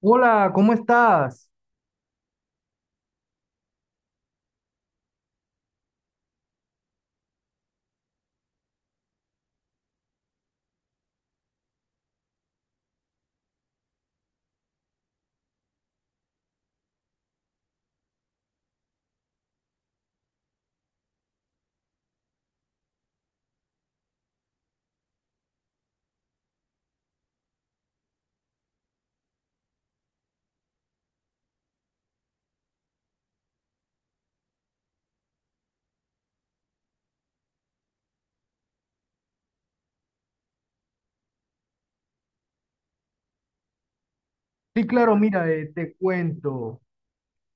Hola, ¿cómo estás? Sí, claro, mira, te cuento.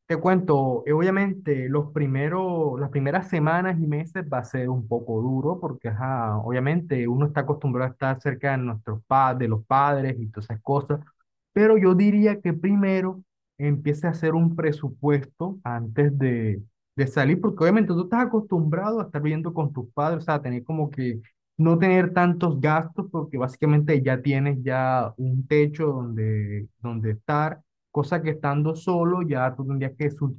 Te cuento, obviamente las primeras semanas y meses va a ser un poco duro porque, ajá, obviamente uno está acostumbrado a estar cerca de nuestros padres, de los padres y todas esas cosas, pero yo diría que primero empiece a hacer un presupuesto antes de salir, porque obviamente tú estás acostumbrado a estar viviendo con tus padres, o sea, tener como que no tener tantos gastos porque básicamente ya tienes ya un techo donde estar cosa que estando solo ya tú tendrías que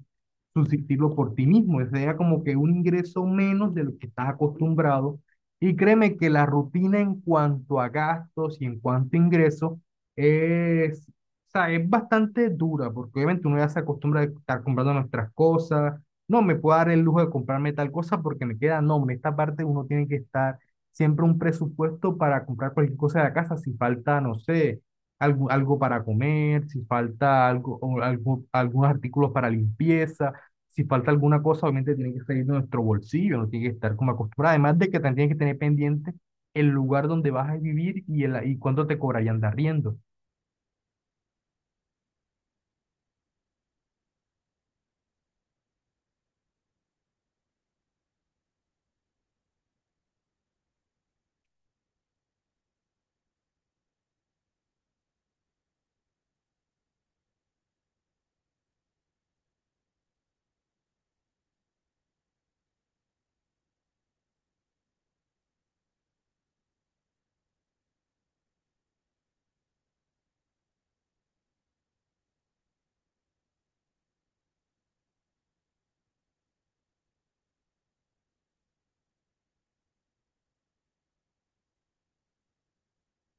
subsistirlo por ti mismo, sería como que un ingreso menos de lo que estás acostumbrado. Y créeme que la rutina en cuanto a gastos y en cuanto a ingresos es, o sea, es bastante dura, porque obviamente uno ya se acostumbra a estar comprando nuestras cosas, no me puedo dar el lujo de comprarme tal cosa porque me queda, no, en esta parte uno tiene que estar siempre un presupuesto para comprar cualquier cosa de la casa, si falta, no sé algo para comer, si falta algo, o algunos artículos para limpieza, si falta alguna cosa, obviamente tiene que salir de nuestro bolsillo, no tiene que estar como acostumbrado. Además de que también tienes que tener pendiente el lugar donde vas a vivir y cuánto te cobrarían de arriendo.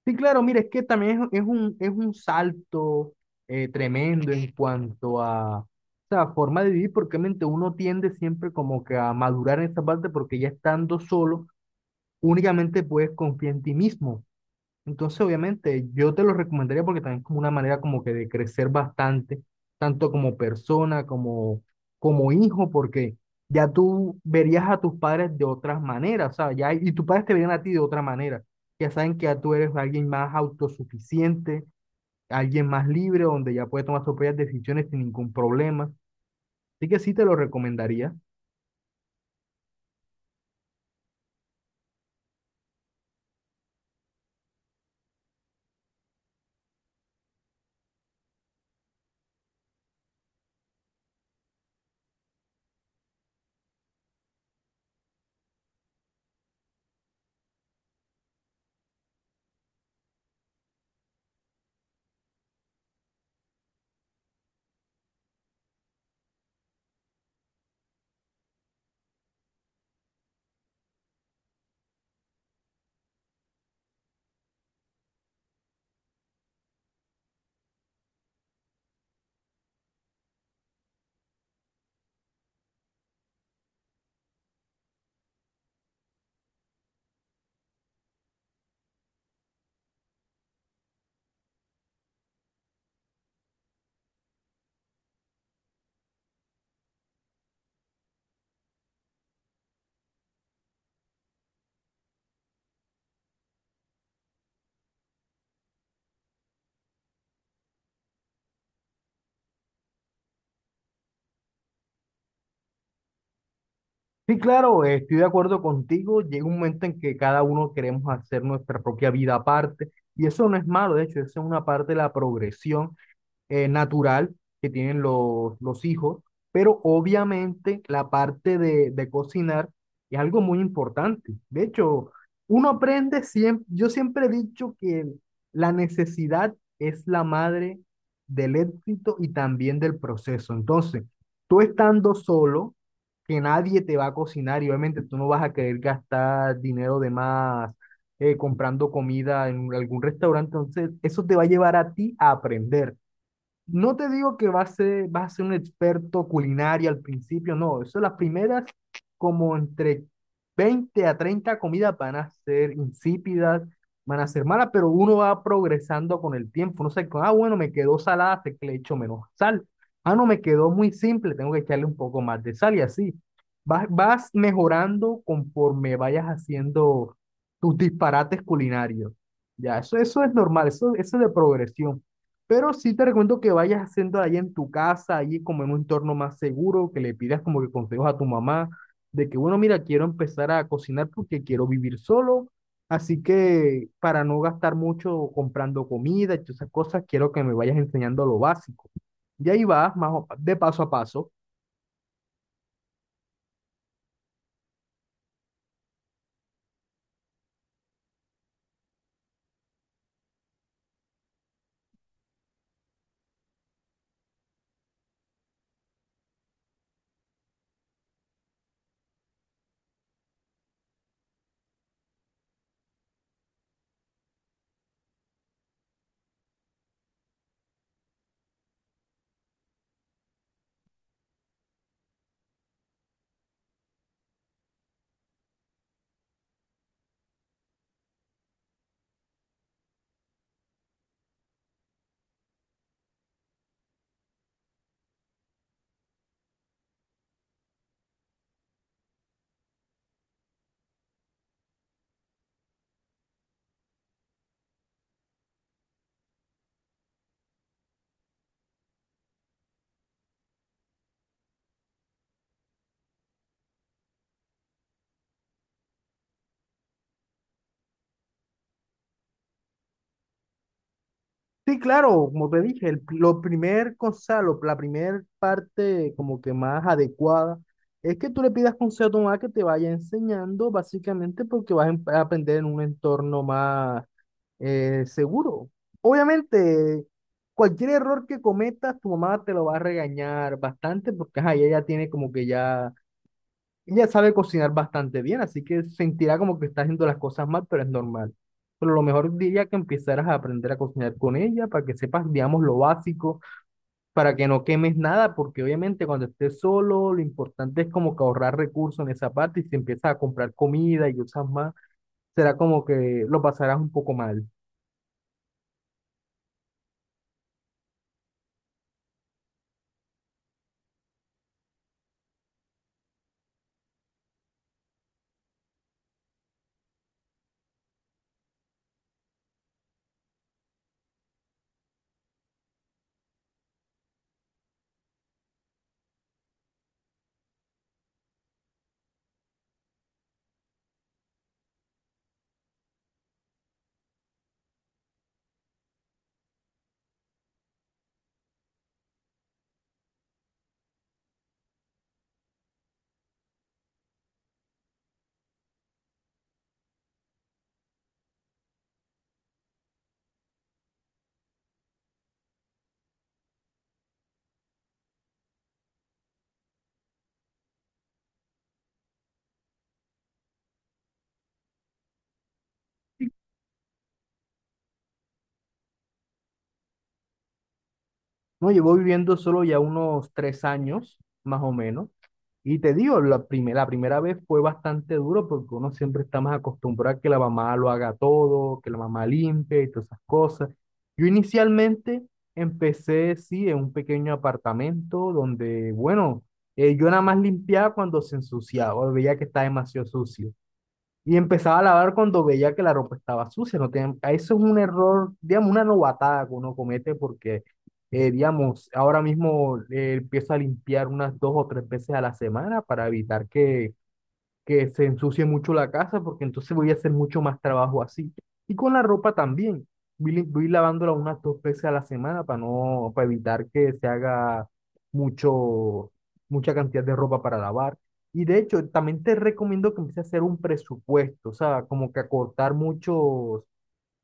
Sí, claro, mire, es que también es un salto tremendo en cuanto a sea, forma de vivir, porque obviamente uno tiende siempre como que a madurar en esa parte, porque ya estando solo, únicamente puedes confiar en ti mismo. Entonces, obviamente, yo te lo recomendaría porque también es como una manera como que de crecer bastante, tanto como persona, como, como hijo, porque ya tú verías a tus padres de otras maneras, ¿sabes? Ya, y tus padres te verían a ti de otra manera. Ya saben que ya tú eres alguien más autosuficiente, alguien más libre, donde ya puedes tomar tus propias decisiones sin ningún problema. Así que sí te lo recomendaría. Sí, claro, estoy de acuerdo contigo. Llega un momento en que cada uno queremos hacer nuestra propia vida aparte y eso no es malo, de hecho, eso es una parte de la progresión natural que tienen los hijos, pero obviamente la parte de cocinar es algo muy importante. De hecho, uno aprende siempre, yo siempre he dicho que la necesidad es la madre del éxito y también del proceso. Entonces, tú estando solo, que nadie te va a cocinar y obviamente tú no vas a querer gastar dinero de más comprando comida en algún restaurante, entonces eso te va a llevar a ti a aprender. No te digo que vas a ser un experto culinario al principio, no. Eso las primeras, como entre 20 a 30 comidas van a ser insípidas, van a ser malas, pero uno va progresando con el tiempo. No sé, ah, bueno, me quedó salada, sé que le echo menos sal. Ah, no, me quedó muy simple, tengo que echarle un poco más de sal y así. Vas mejorando conforme vayas haciendo tus disparates culinarios. Ya, eso es normal, eso es de progresión. Pero sí te recomiendo que vayas haciendo allá en tu casa, allí como en un entorno más seguro, que le pidas como que consejos a tu mamá de que, bueno, mira, quiero empezar a cocinar porque quiero vivir solo, así que para no gastar mucho comprando comida y todas esas cosas, quiero que me vayas enseñando lo básico. Y ahí vas, de paso a paso. Sí, claro, como te dije, el, lo primer consejo, la primer parte como que más adecuada es que tú le pidas consejo a tu mamá que te vaya enseñando, básicamente porque vas a a aprender en un entorno más seguro. Obviamente, cualquier error que cometas, tu mamá te lo va a regañar bastante porque ajá, ella ya tiene como que ya ella sabe cocinar bastante bien, así que sentirá como que está haciendo las cosas mal, pero es normal. Pero lo mejor diría que empezaras a aprender a cocinar con ella para que sepas, digamos, lo básico, para que no quemes nada, porque obviamente cuando estés solo, lo importante es como que ahorrar recursos en esa parte y si empiezas a comprar comida y usas más, será como que lo pasarás un poco mal. No, llevo viviendo solo ya unos 3 años, más o menos. Y te digo, la primera vez fue bastante duro porque uno siempre está más acostumbrado a que la mamá lo haga todo, que la mamá limpie y todas esas cosas. Yo inicialmente empecé, sí, en un pequeño apartamento donde, bueno, yo nada más limpiaba cuando se ensuciaba, veía que está demasiado sucio. Y empezaba a lavar cuando veía que la ropa estaba sucia. No tiene- eso es un error, digamos, una novatada que uno comete porque, digamos, ahora mismo empiezo a limpiar unas 2 o 3 veces a la semana para evitar que se ensucie mucho la casa porque entonces voy a hacer mucho más trabajo así. Y con la ropa también. Voy lavándola unas 2 veces a la semana para no, para evitar que se haga mucho, mucha cantidad de ropa para lavar. Y de hecho, también te recomiendo que empieces a hacer un presupuesto, o sea, como que acortar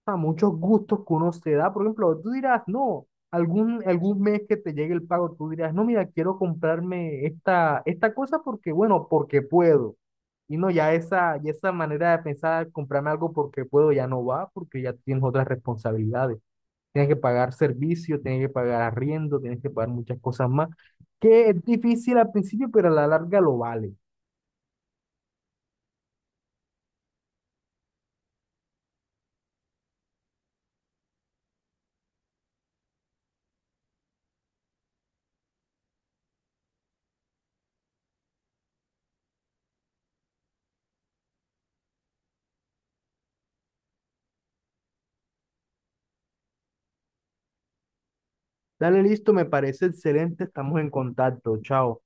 a muchos gustos que uno se da. Por ejemplo, tú dirás, no, algún mes que te llegue el pago, tú dirás, no, mira, quiero comprarme esta cosa porque, bueno, porque puedo. Y no, ya esa manera de pensar, comprarme algo porque puedo, ya no va, porque ya tienes otras responsabilidades. Tienes que pagar servicio, tienes que pagar arriendo, tienes que pagar muchas cosas más, que es difícil al principio, pero a la larga lo vale. Dale, listo, me parece excelente, estamos en contacto, chao.